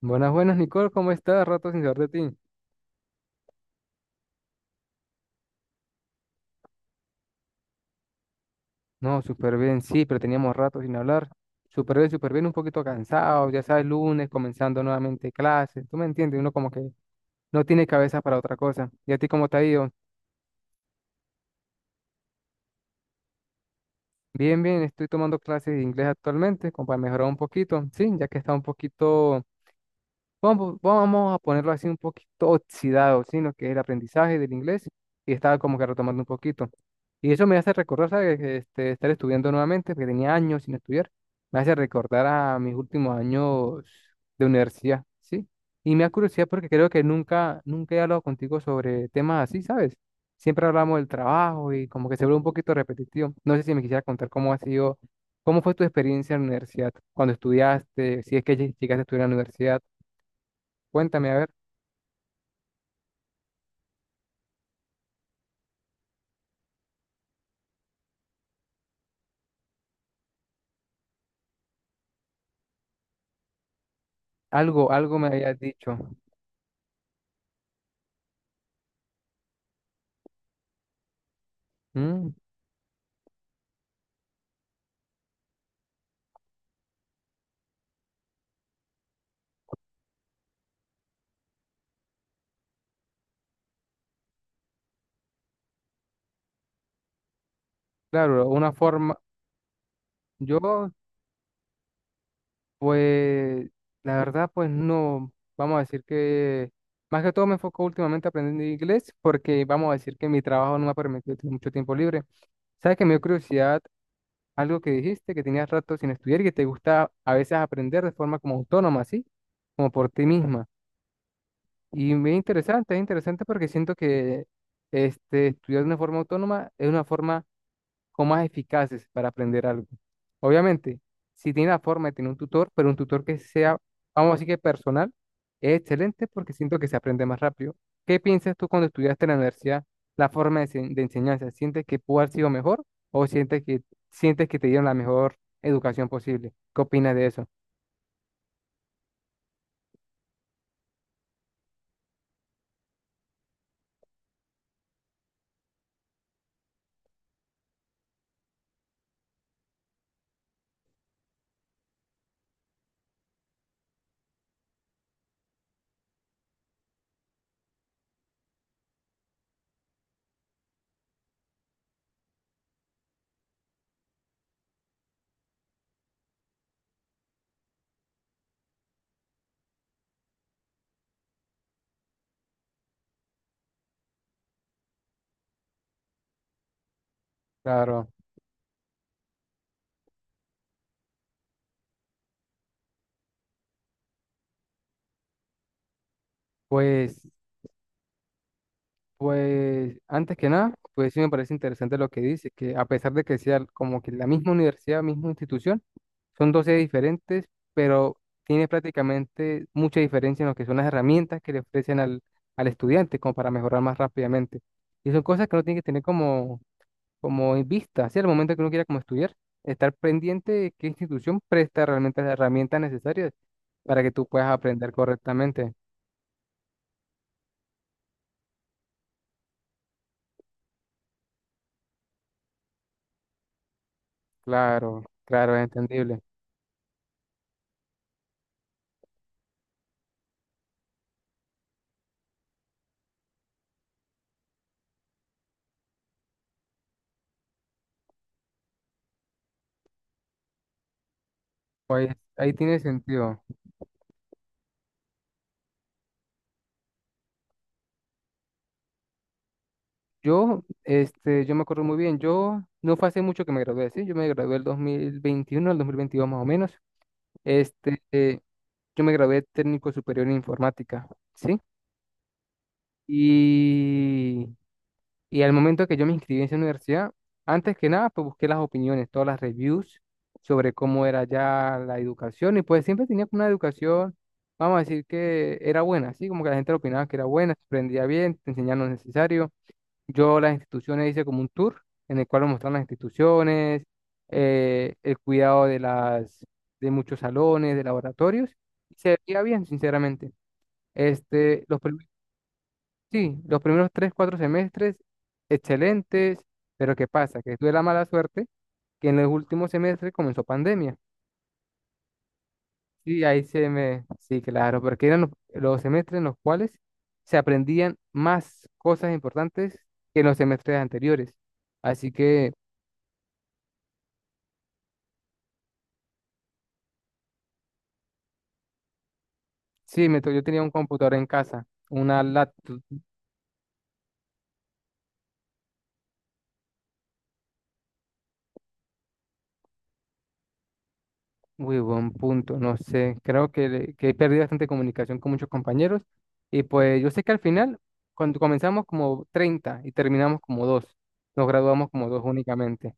Buenas, buenas, Nicole, ¿cómo estás? Rato sin saber de ti. No, súper bien, sí, pero teníamos rato sin hablar. Súper bien, un poquito cansado, ya sabes, lunes, comenzando nuevamente clases, tú me entiendes, uno como que no tiene cabeza para otra cosa. ¿Y a ti cómo te ha ido? Bien, bien, estoy tomando clases de inglés actualmente, como para mejorar un poquito, sí, ya que está un poquito. Vamos a ponerlo así, un poquito oxidado, sino que es el aprendizaje del inglés y estaba como que retomando un poquito. Y eso me hace recordar, ¿sabes? Estar estudiando nuevamente, porque tenía años sin estudiar, me hace recordar a mis últimos años de universidad, ¿sí? Y me da curiosidad porque creo que nunca, nunca he hablado contigo sobre temas así, ¿sabes? Siempre hablamos del trabajo y como que se vuelve un poquito repetitivo. No sé si me quisiera contar cómo ha sido, cómo fue tu experiencia en la universidad, cuando estudiaste, si es que llegaste a estudiar en la universidad. Cuéntame, a ver, algo, algo me habías dicho. Mm, claro, una forma. Yo, pues, la verdad, pues no, vamos a decir que, más que todo me enfoco últimamente aprendiendo inglés porque vamos a decir que mi trabajo no me ha permitido tener mucho tiempo libre. ¿Sabes que me dio curiosidad algo que dijiste, que tenías rato sin estudiar y que te gusta a veces aprender de forma como autónoma? ¿Sí? Como por ti misma. Y muy interesante, es interesante porque siento que estudiar de una forma autónoma es una forma o más eficaces para aprender algo. Obviamente, si tiene la forma de tener un tutor, pero un tutor que sea, vamos a decir, que personal, es excelente porque siento que se aprende más rápido. ¿Qué piensas tú cuando estudiaste en la universidad, la forma de enseñanza? ¿Sientes que pudo haber sido mejor o sientes que te dieron la mejor educación posible? ¿Qué opinas de eso? Claro. Pues Pues antes que nada, pues sí me parece interesante lo que dice, que a pesar de que sea como que la misma universidad, misma institución, son dos sedes diferentes, pero tiene prácticamente mucha diferencia en lo que son las herramientas que le ofrecen al estudiante, como para mejorar más rápidamente. Y son cosas que uno tiene que tener como en vista, ¿sí? Al momento que uno quiera como estudiar, estar pendiente de qué institución presta realmente las herramientas necesarias para que tú puedas aprender correctamente. Claro, claro, es entendible. Ahí tiene sentido. Yo me acuerdo muy bien, yo no fue hace mucho que me gradué, ¿sí? Yo me gradué el 2021, el 2022 más o menos. Este, eh, yo me gradué técnico superior en informática, ¿sí? Y, y al momento que yo me inscribí en esa universidad, antes que nada, pues busqué las opiniones, todas las reviews sobre cómo era ya la educación, y pues siempre tenía como una educación, vamos a decir, que era buena, ¿sí? Como que la gente opinaba que era buena, se aprendía bien, te enseñaban lo necesario. Yo las instituciones, hice como un tour en el cual nos mostraron las instituciones, el cuidado de muchos salones, de laboratorios, y se veía bien, sinceramente. Este, los prim- sí, los primeros 3, 4 semestres, excelentes. Pero ¿qué pasa? Que tuve la mala suerte que en los últimos semestres comenzó pandemia. Sí, ahí se me, sí, claro, porque eran los semestres en los cuales se aprendían más cosas importantes que en los semestres anteriores. Así que. Sí, yo tenía un computador en casa, una laptop. Muy buen punto, no sé. Creo que he perdido bastante comunicación con muchos compañeros. Y pues yo sé que al final, cuando comenzamos como 30 y terminamos como dos, nos graduamos como dos únicamente.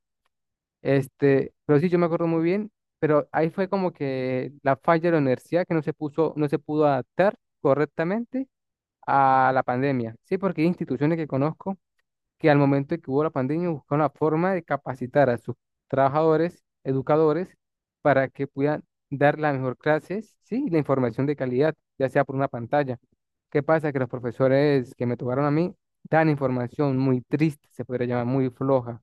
Pero sí, yo me acuerdo muy bien, pero ahí fue como que la falla de la universidad, que no se puso, no se pudo adaptar correctamente a la pandemia. Sí, porque hay instituciones que conozco, que al momento de que hubo la pandemia buscaron la forma de capacitar a sus trabajadores, educadores, para que puedan dar la mejor clases, sí, y la información de calidad, ya sea por una pantalla. ¿Qué pasa? Que los profesores que me tocaron a mí dan información muy triste, se podría llamar muy floja,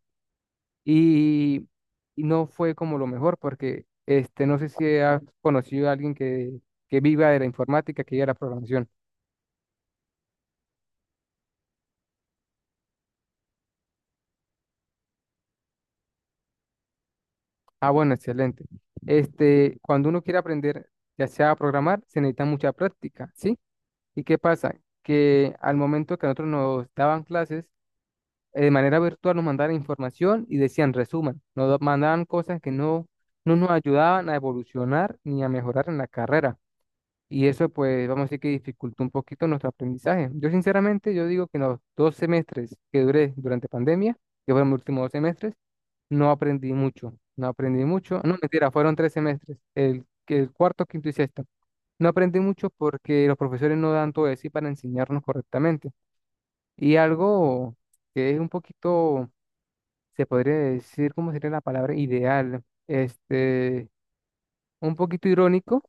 y, y no fue como lo mejor, porque no sé si has conocido a alguien que viva de la informática, que viva de la programación. Ah, bueno, excelente. Cuando uno quiere aprender, ya sea a programar, se necesita mucha práctica, ¿sí? ¿Y qué pasa? Que al momento que a nosotros nos daban clases, de manera virtual, nos mandaban información y decían resuman, mandaban cosas que no nos ayudaban a evolucionar ni a mejorar en la carrera. Y eso, pues, vamos a decir que dificultó un poquito nuestro aprendizaje. Yo, sinceramente, yo digo que en los 2 semestres que duré durante pandemia, que fueron mis últimos 2 semestres, no aprendí mucho, no aprendí mucho. No, mentira, fueron 3 semestres, el cuarto, quinto y sexto. No aprendí mucho porque los profesores no dan todo de sí para enseñarnos correctamente. Y algo que es un poquito, se podría decir, ¿cómo sería la palabra? Ideal, un poquito irónico,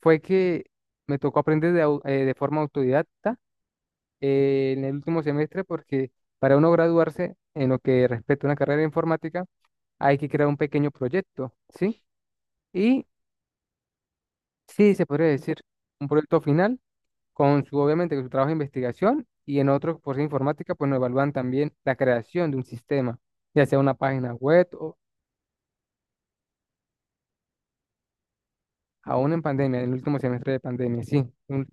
fue que me tocó aprender de forma autodidacta, en el último semestre, porque para uno graduarse en lo que respecta a una carrera de informática, hay que crear un pequeño proyecto, ¿sí? Y sí, se podría decir un proyecto final con su, obviamente, con su trabajo de investigación, y en otro, por ser informática, pues nos evalúan también la creación de un sistema, ya sea una página web o aún en pandemia, en el último semestre de pandemia, sí.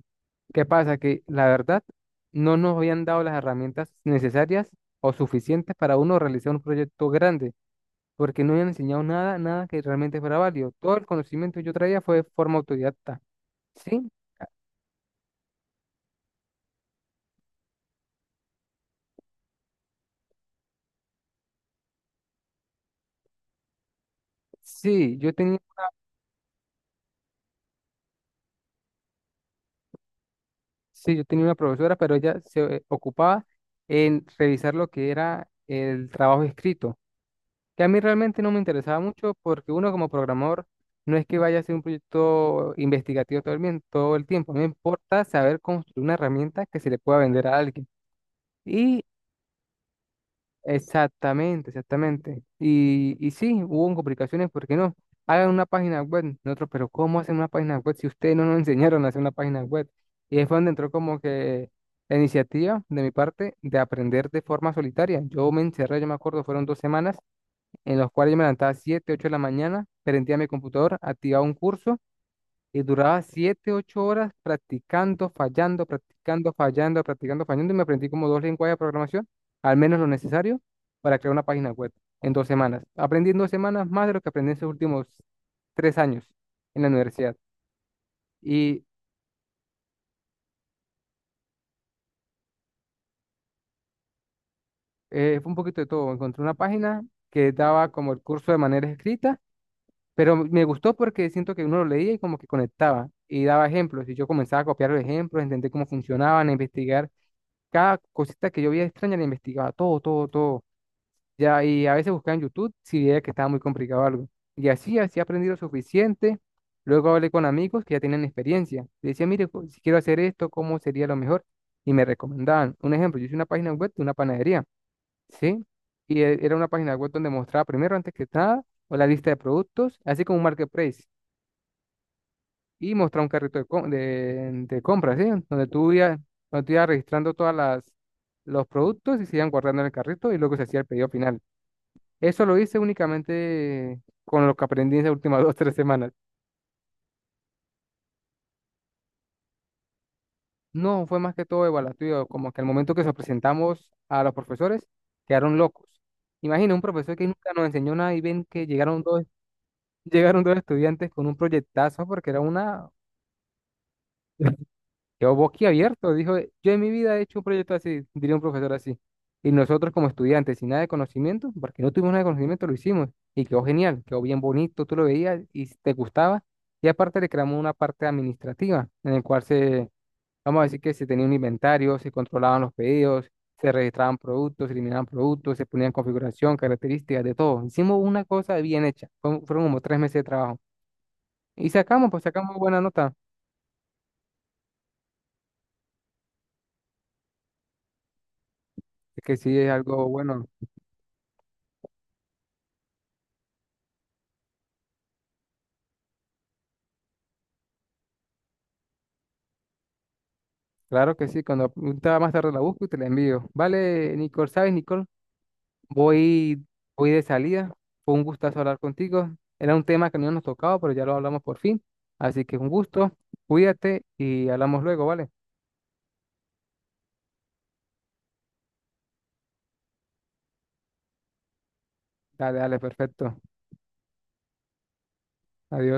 ¿Qué pasa? Que la verdad no nos habían dado las herramientas necesarias o suficientes para uno realizar un proyecto grande, porque no habían enseñado nada, nada que realmente fuera válido. Todo el conocimiento que yo traía fue de forma autodidacta. Sí, sí, yo tenía Sí, yo tenía una profesora, pero ella se ocupaba en revisar lo que era el trabajo escrito, que a mí realmente no me interesaba mucho, porque uno como programador no es que vaya a hacer un proyecto investigativo todo el tiempo. A mí me importa saber construir una herramienta que se le pueda vender a alguien. Y exactamente, exactamente. Y sí, hubo complicaciones, ¿por qué no? Hagan una página web, nosotros, pero ¿cómo hacen una página web si ustedes no nos enseñaron a hacer una página web? Y ahí fue donde entró como que la iniciativa de mi parte de aprender de forma solitaria. Yo me encerré, yo me acuerdo, fueron 2 semanas en las cuales yo me levantaba 7, 8 de la mañana, prendía mi computador, activaba un curso y duraba 7 u 8 horas practicando, fallando, practicando, fallando, practicando, fallando. Y me aprendí como dos lenguajes de programación, al menos lo necesario, para crear una página web en 2 semanas. Aprendí en 2 semanas más de lo que aprendí en esos últimos 3 años en la universidad. Y fue un poquito de todo. Encontré una página que daba como el curso de manera escrita, pero me gustó porque siento que uno lo leía y como que conectaba y daba ejemplos. Y yo comenzaba a copiar los ejemplos, entender cómo funcionaban, a investigar. Cada cosita que yo veía extraña la investigaba, todo, todo, todo. Ya, y a veces buscaba en YouTube si veía que estaba muy complicado algo. Y así, así aprendí lo suficiente. Luego hablé con amigos que ya tenían experiencia. Le decía, mire, si quiero hacer esto, ¿cómo sería lo mejor? Y me recomendaban. Un ejemplo, yo hice una página web de una panadería, ¿sí? Y era una página web donde mostraba primero, antes que nada, o la lista de productos, así como un marketplace, y mostrar un carrito de compras, ¿sí? Donde tú ibas registrando todas las, los productos, y se iban guardando en el carrito y luego se hacía el pedido final. Eso lo hice únicamente con lo que aprendí en las últimas 2, 3 semanas. No, fue más que todo evaluativo, como que al momento que se presentamos a los profesores, quedaron locos. Imagina un profesor que nunca nos enseñó nada y ven que llegaron dos, llegaron dos estudiantes con un proyectazo, porque era una. Quedó boquiabierto, dijo, yo en mi vida he hecho un proyecto así, diría un profesor así. Y nosotros como estudiantes, sin nada de conocimiento, porque no tuvimos nada de conocimiento, lo hicimos. Y quedó genial, quedó bien bonito, tú lo veías y si te gustaba. Y aparte le creamos una parte administrativa en el cual se, vamos a decir que se tenía un inventario, se controlaban los pedidos, se registraban productos, se eliminaban productos, se ponían configuración, características, de todo. Hicimos una cosa bien hecha. Fueron como 3 meses de trabajo. Y sacamos, pues sacamos buena nota, que sí es algo bueno. Claro que sí, cuando estaba más tarde la busco y te la envío. Vale, Nicole, ¿sabes, Nicole? Voy, voy de salida. Fue un gustazo hablar contigo. Era un tema que no nos tocaba, pero ya lo hablamos por fin. Así que un gusto. Cuídate y hablamos luego, ¿vale? Dale, dale, perfecto. Adiós.